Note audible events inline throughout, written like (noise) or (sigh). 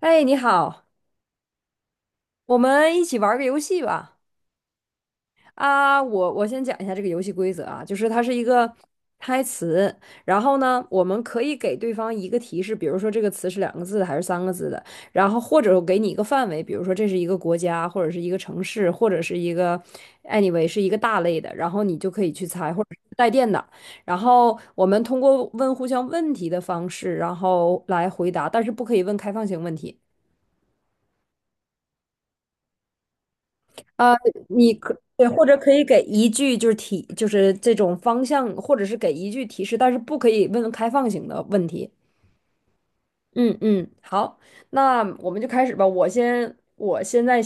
哎，你好，我们一起玩儿个游戏吧。啊，我先讲一下这个游戏规则啊，就是它是一个猜词，然后呢，我们可以给对方一个提示，比如说这个词是2个字的还是3个字的，然后或者我给你一个范围，比如说这是一个国家，或者是一个城市，或者是一个 anyway 是一个大类的，然后你就可以去猜，或者是带电的。然后我们通过问互相问题的方式，然后来回答，但是不可以问开放性问题。啊，你可对，或者可以给一句就是提，就是这种方向，或者是给一句提示，但是不可以问开放型的问题。嗯嗯，好，那我们就开始吧。我先，我现在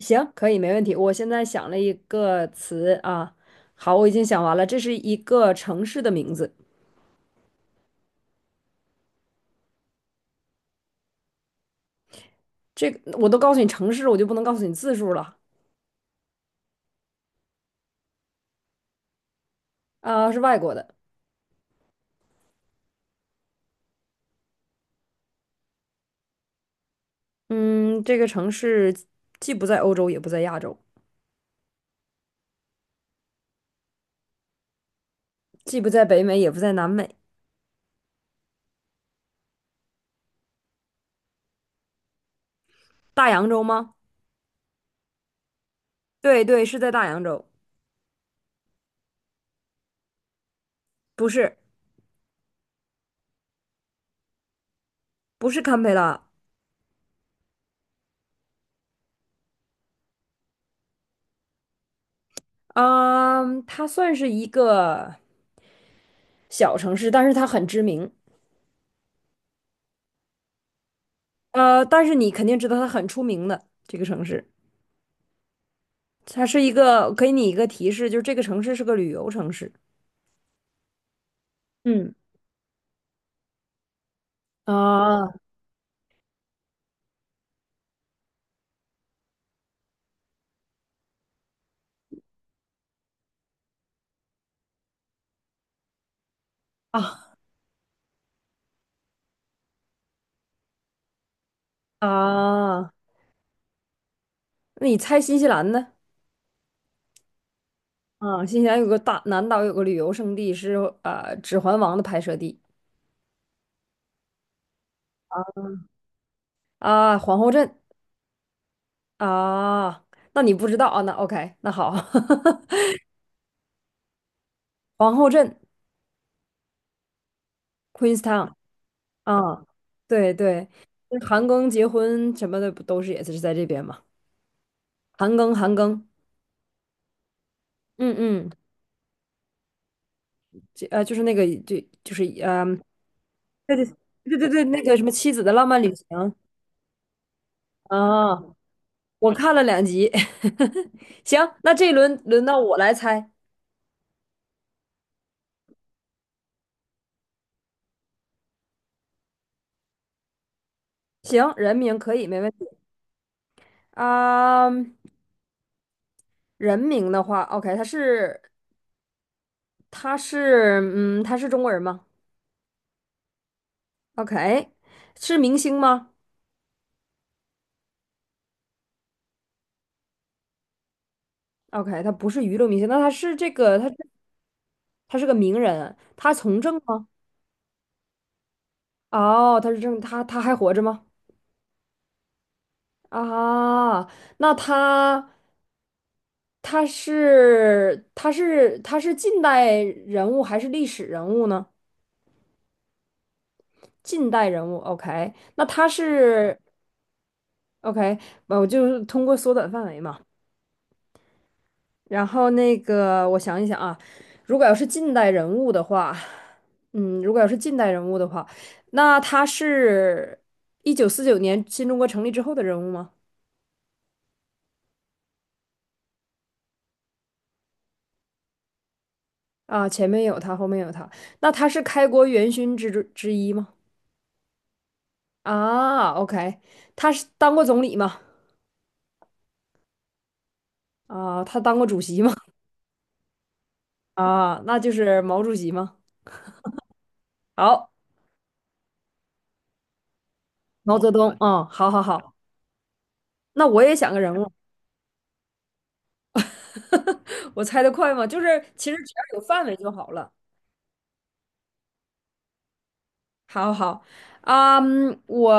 行，可以，没问题。我现在想了一个词啊，好，我已经想完了，这是一个城市的名字。这个我都告诉你城市，我就不能告诉你字数了。啊，是外国的。嗯，这个城市既不在欧洲，也不在亚洲，既不在北美，也不在南美，大洋洲吗？对对，是在大洋洲，不是。不是堪培拉。嗯，它算是一个小城市，但是它很知名。呃，但是你肯定知道它很出名的这个城市，它是一个，给你一个提示，就是这个城市是个旅游城市。嗯，啊，啊，啊，那你猜新西兰呢？啊，新西兰有个大南岛有个旅游胜地是《指环王》的拍摄地。啊，皇后镇。啊，那你不知道啊？那 OK，那好。(laughs) 皇后镇，Queenstown。 啊，对对，就是韩庚结婚什么的不都是也是在这边嘛？韩庚，韩庚，嗯嗯，这就是那个就是，对对对对对，那个什么妻子的浪漫旅行。啊，我看了2集。(laughs) 行，那这一轮轮到我来猜。行，人名可以没问题。啊，人名的话，OK，他是中国人吗？OK，是明星吗？OK，他不是娱乐明星，那他是这个，他他是个名人，他从政吗？哦，他是政，他还活着吗？啊，那他他是近代人物还是历史人物呢？近代人物，OK，那他是 OK，呃我就是通过缩短范围嘛。然后那个，我想一想啊，如果要是近代人物的话，嗯，如果要是近代人物的话，那他是1949年新中国成立之后的人物吗？啊，前面有他，后面有他，那他是开国元勋之一吗？啊，OK，他是当过总理吗？啊，他当过主席吗？啊，那就是毛主席吗？好，毛泽东，嗯，好好好，那我也想个人物。(laughs) 我猜得快吗？就是其实只要有范围就好了。好好，啊嗯，我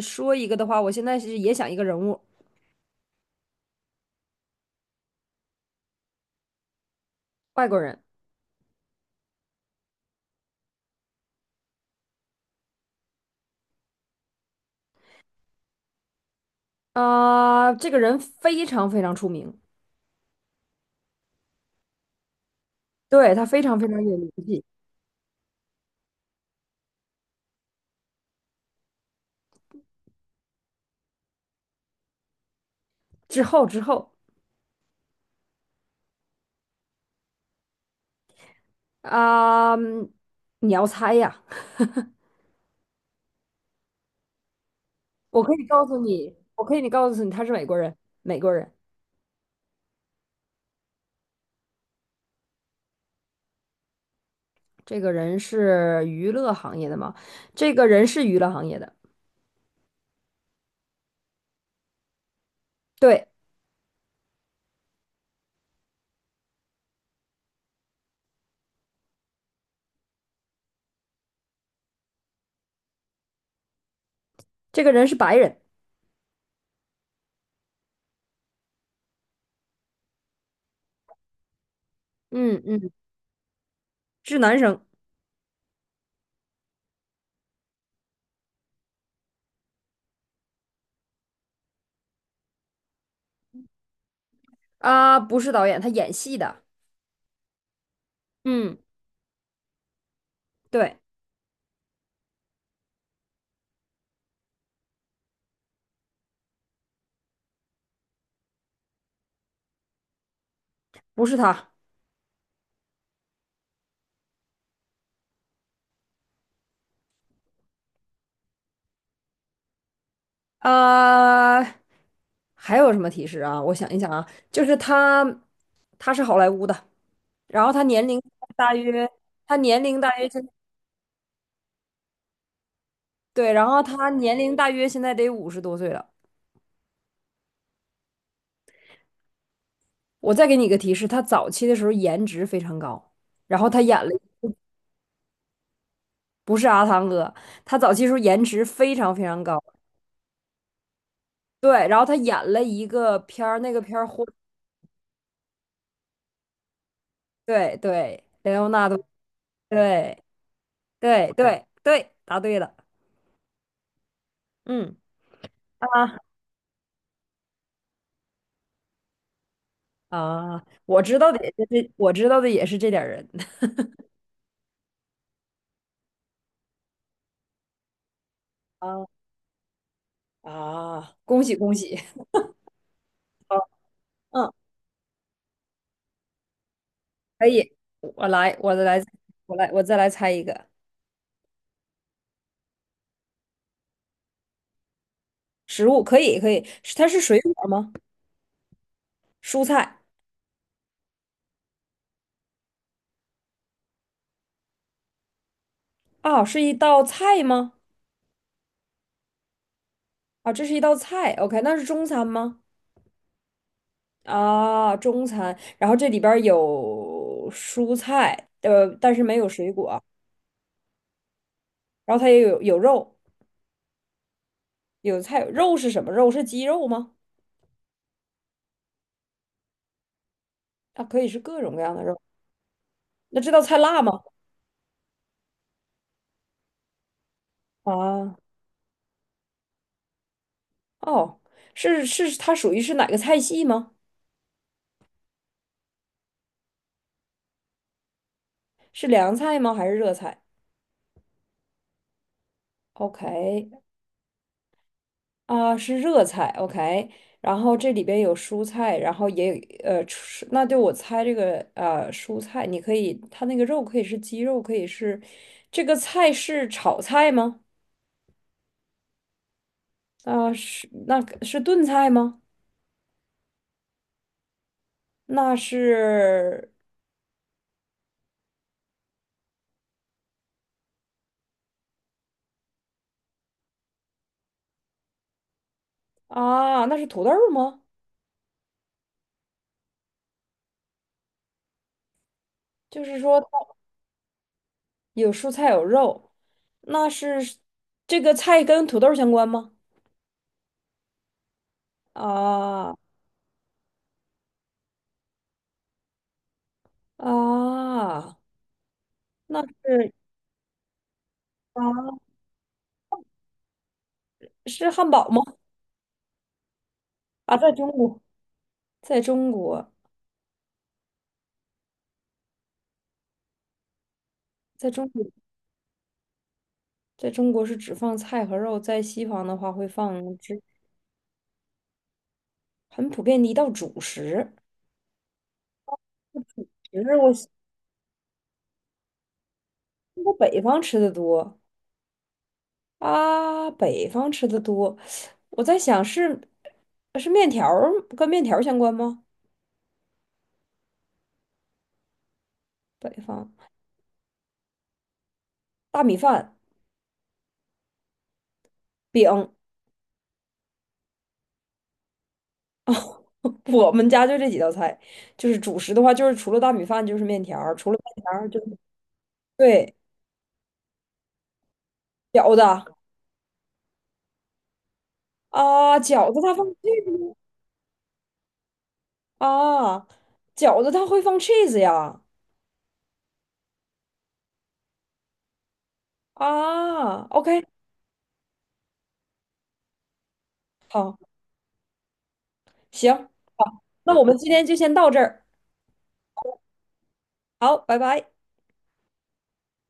说一个的话，我现在是也想一个人物，外国人。啊，这个人非常非常出名，对，他非常非常有名气。之后之后。啊嗯，你要猜呀？我可以告诉你，我可以你告诉你，他是美国人，美国人。这个人是娱乐行业的吗？这个人是娱乐行业的，对。这个人是白人，嗯嗯，是男生。啊，不是导演，他演戏的，嗯，对。不是他，呃，还有什么提示啊？我想一想啊，就是他，他是好莱坞的，然后他年龄大约，他年龄大约现，对，然后他年龄大约现在得50多岁了。我再给你一个提示，他早期的时候颜值非常高，然后他演了，不是阿汤哥，他早期的时候颜值非常非常高，对，然后他演了一个片儿，那个片儿火，对对，雷欧纳多，对对对对，答对了，嗯。啊。啊，我知道的也是这，我知道的也是这点儿人。 (laughs) 啊，啊，恭喜恭喜，嗯，(laughs) 可以，我来，我来，我来，我再来猜一个食物。可以可以，是它是水果吗？蔬菜。啊，是一道菜吗？啊，这是一道菜，OK，那是中餐吗？啊，中餐，然后这里边儿有蔬菜，但是没有水果，然后它也有肉，有菜，肉是什么肉？是鸡肉吗？啊，可以是各种各样的肉。那这道菜辣吗？啊，哦，是是，它属于是哪个菜系吗？是凉菜吗？还是热菜？OK，啊，是热菜。OK，然后这里边有蔬菜，然后也有蔬那就我猜这个蔬菜，你可以，它那个肉可以是鸡肉，可以是这个菜是炒菜吗？啊，是那个是炖菜吗？那是。啊，那是土豆儿吗？就是说。有蔬菜有肉，那是这个菜跟土豆相关吗？啊，啊，那是。啊是汉堡吗？啊，在中国，在中国，在中国，在中国是只放菜和肉，在西方的话会放只很普遍的一道主食。只是我中国北方吃的多。啊，北方吃的多，我在想是面条儿跟面条儿相关吗？北方大米饭。饼哦，(laughs) 我们家就这几道菜，就是主食的话，就是除了大米饭就是面条儿除了面条儿就是对饺子啊，饺子它放 cheese。 啊，饺子它会放 cheese 呀。啊，OK，好，行，那我们今天就先到这儿，好，拜拜。